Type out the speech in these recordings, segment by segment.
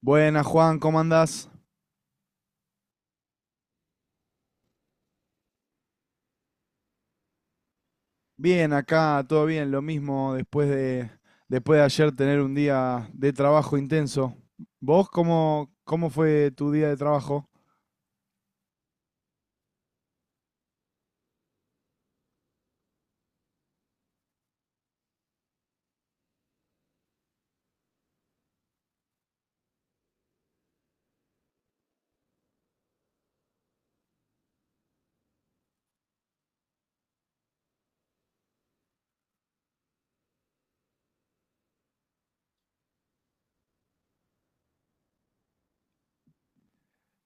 Buenas, Juan, ¿cómo andás? Bien, acá todo bien, lo mismo después de ayer tener un día de trabajo intenso. ¿Vos cómo fue tu día de trabajo?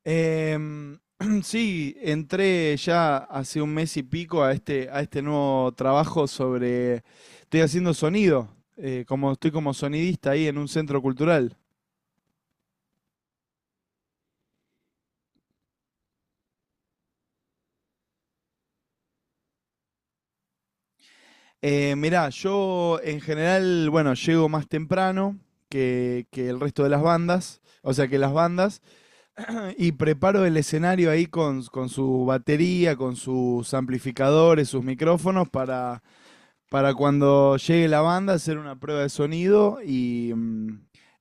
Em, sí, entré ya hace un mes y pico a a este nuevo trabajo sobre... Estoy haciendo sonido, como estoy como sonidista ahí en un centro cultural. Mirá, yo en general, bueno, llego más temprano que el resto de las bandas, o sea, que las bandas, y preparo el escenario ahí con su batería, con sus amplificadores, sus micrófonos, para cuando llegue la banda hacer una prueba de sonido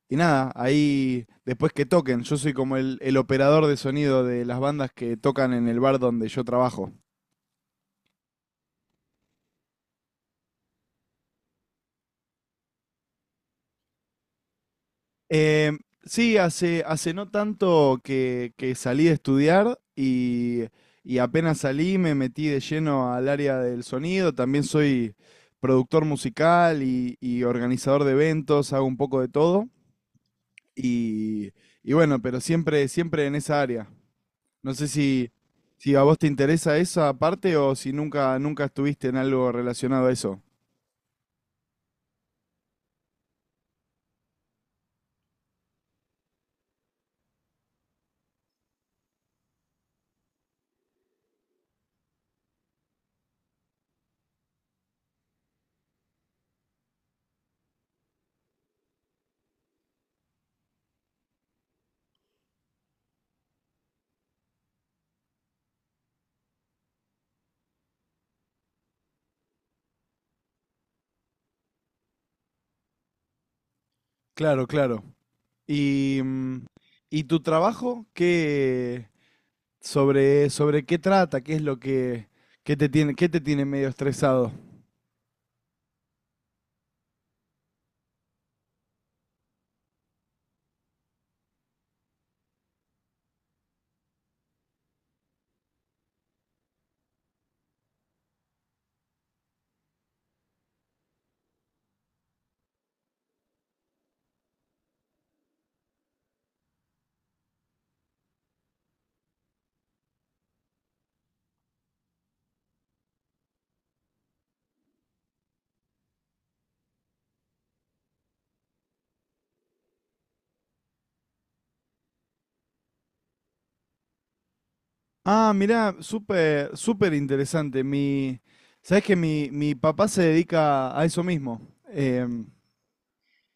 y nada, ahí después que toquen, yo soy como el operador de sonido de las bandas que tocan en el bar donde yo trabajo. Eh, sí, hace no tanto que salí de estudiar y apenas salí me metí de lleno al área del sonido. También soy productor musical y organizador de eventos, hago un poco de todo. Y, y bueno, pero siempre, siempre en esa área. No sé si, si a vos te interesa esa parte o si nunca, nunca estuviste en algo relacionado a eso. Claro, claro. Y, mm, ¿Y tu trabajo? ¿Sobre qué trata, qué es lo qué te tiene medio estresado? Ah, mirá, súper, súper interesante. Sabes que mi papá se dedica a eso mismo. Em,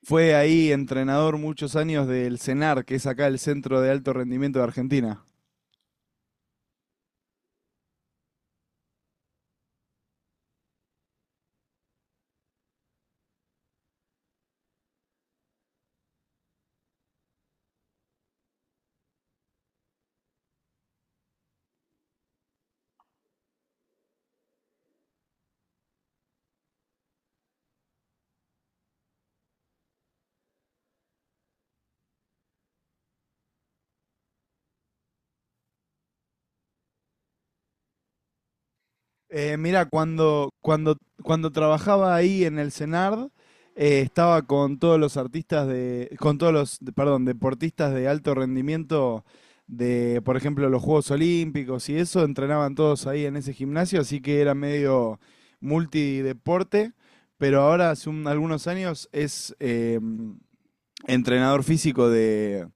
fue ahí entrenador muchos años del CENAR, que es acá el Centro de Alto Rendimiento de Argentina. Mira, cuando trabajaba ahí en el CENARD, estaba con todos los artistas de, con todos los, perdón, deportistas de alto rendimiento de, por ejemplo, los Juegos Olímpicos y eso, entrenaban todos ahí en ese gimnasio, así que era medio multideporte, pero ahora hace algunos años es entrenador físico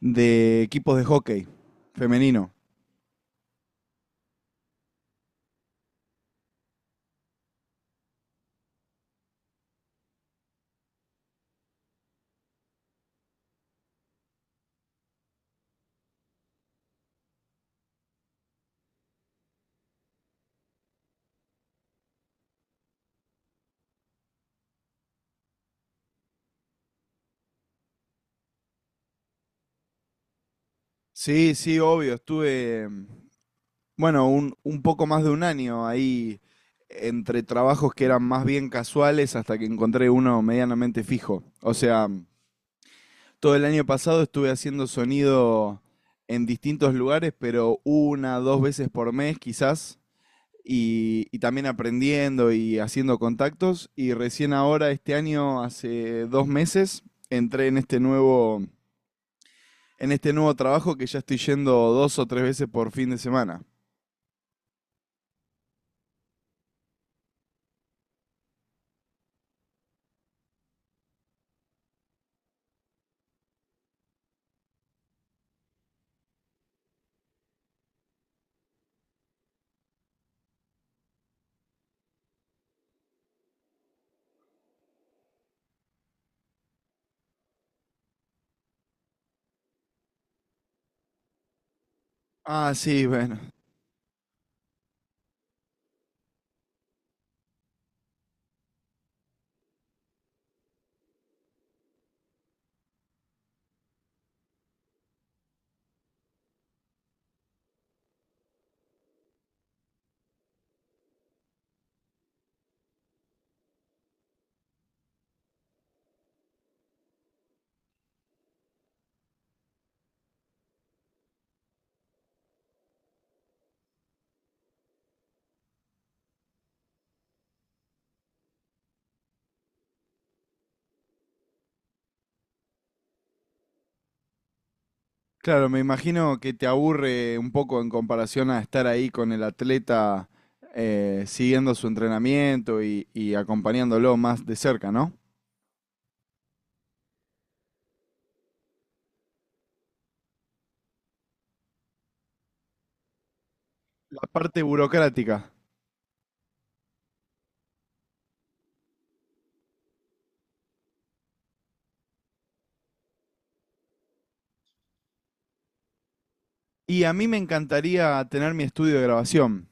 de equipos de hockey femenino. Sí, sí, obvio, estuve... Bueno, un poco más de un año ahí entre trabajos que eran más bien casuales hasta que encontré uno medianamente fijo. O sea, todo el año pasado estuve haciendo sonido en distintos lugares, pero una, dos veces por mes quizás, y también aprendiendo y haciendo contactos. Y recién ahora, este año, hace dos meses, entré en este nuevo trabajo que ya estoy yendo dos o tres veces por fin de semana. Ah, sí, bueno. Claro, me imagino que te aburre un poco en comparación a estar ahí con el atleta siguiendo su entrenamiento y acompañándolo más de cerca, ¿no? La parte burocrática. Y a mí me encantaría tener mi estudio de grabación.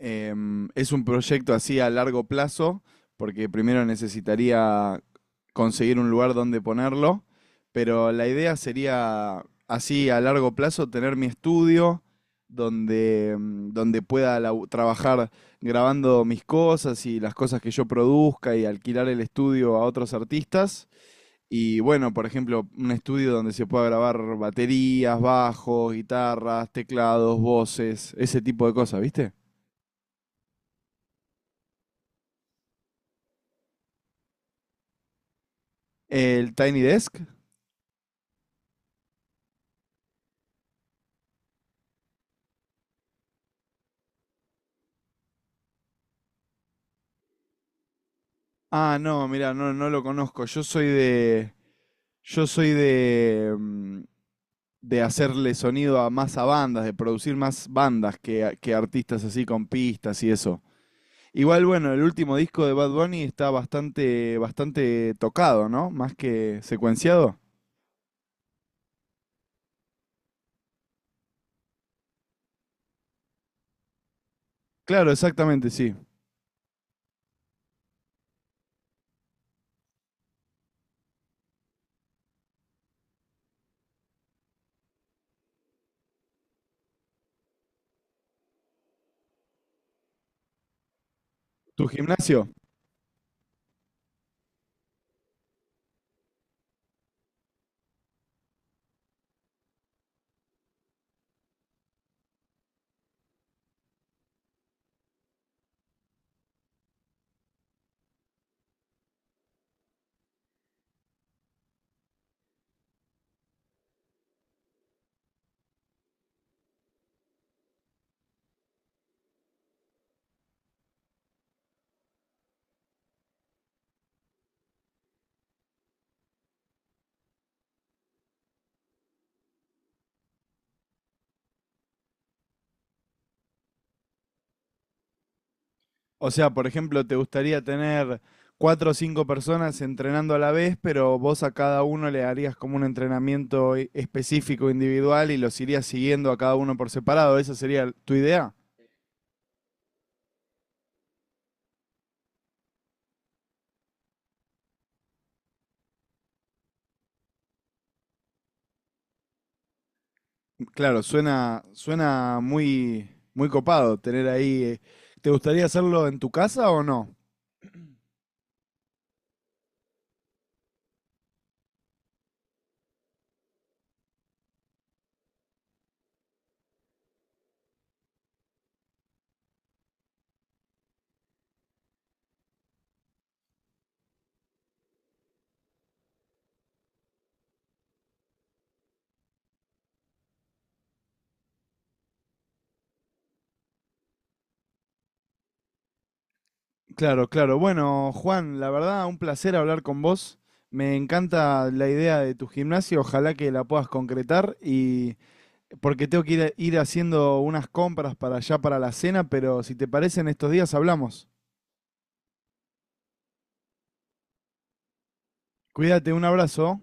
Es un proyecto así a largo plazo, porque primero necesitaría conseguir un lugar donde ponerlo, pero la idea sería así a largo plazo tener mi estudio donde trabajar grabando mis cosas y las cosas que yo produzca y alquilar el estudio a otros artistas. Y bueno, por ejemplo, un estudio donde se pueda grabar baterías, bajos, guitarras, teclados, voces, ese tipo de cosas, ¿viste? ¿El Tiny Desk? Ah, no, mira, no, no lo conozco. Yo soy de. Yo soy de de hacerle sonido a más a bandas, de producir más bandas que artistas así con pistas y eso. Igual, bueno, el último disco de Bad Bunny está bastante, bastante tocado, ¿no? Más que secuenciado. Claro, exactamente, sí. ¿Tu gimnasio? O sea, por ejemplo, te gustaría tener cuatro o cinco personas entrenando a la vez, pero vos a cada uno le harías como un específico, individual, y los irías siguiendo a cada uno por separado. ¿Esa sería tu idea? Claro, suena, suena muy, muy copado tener ahí. ¿Te gustaría hacerlo en tu casa o no? Claro, claro. Bueno, Juan, la verdad, un placer hablar con vos. Me encanta la idea de tu gimnasio, ojalá que la puedas concretar y porque tengo que ir haciendo unas compras para allá para la cena, pero si te parece en estos días hablamos. Cuídate, un abrazo.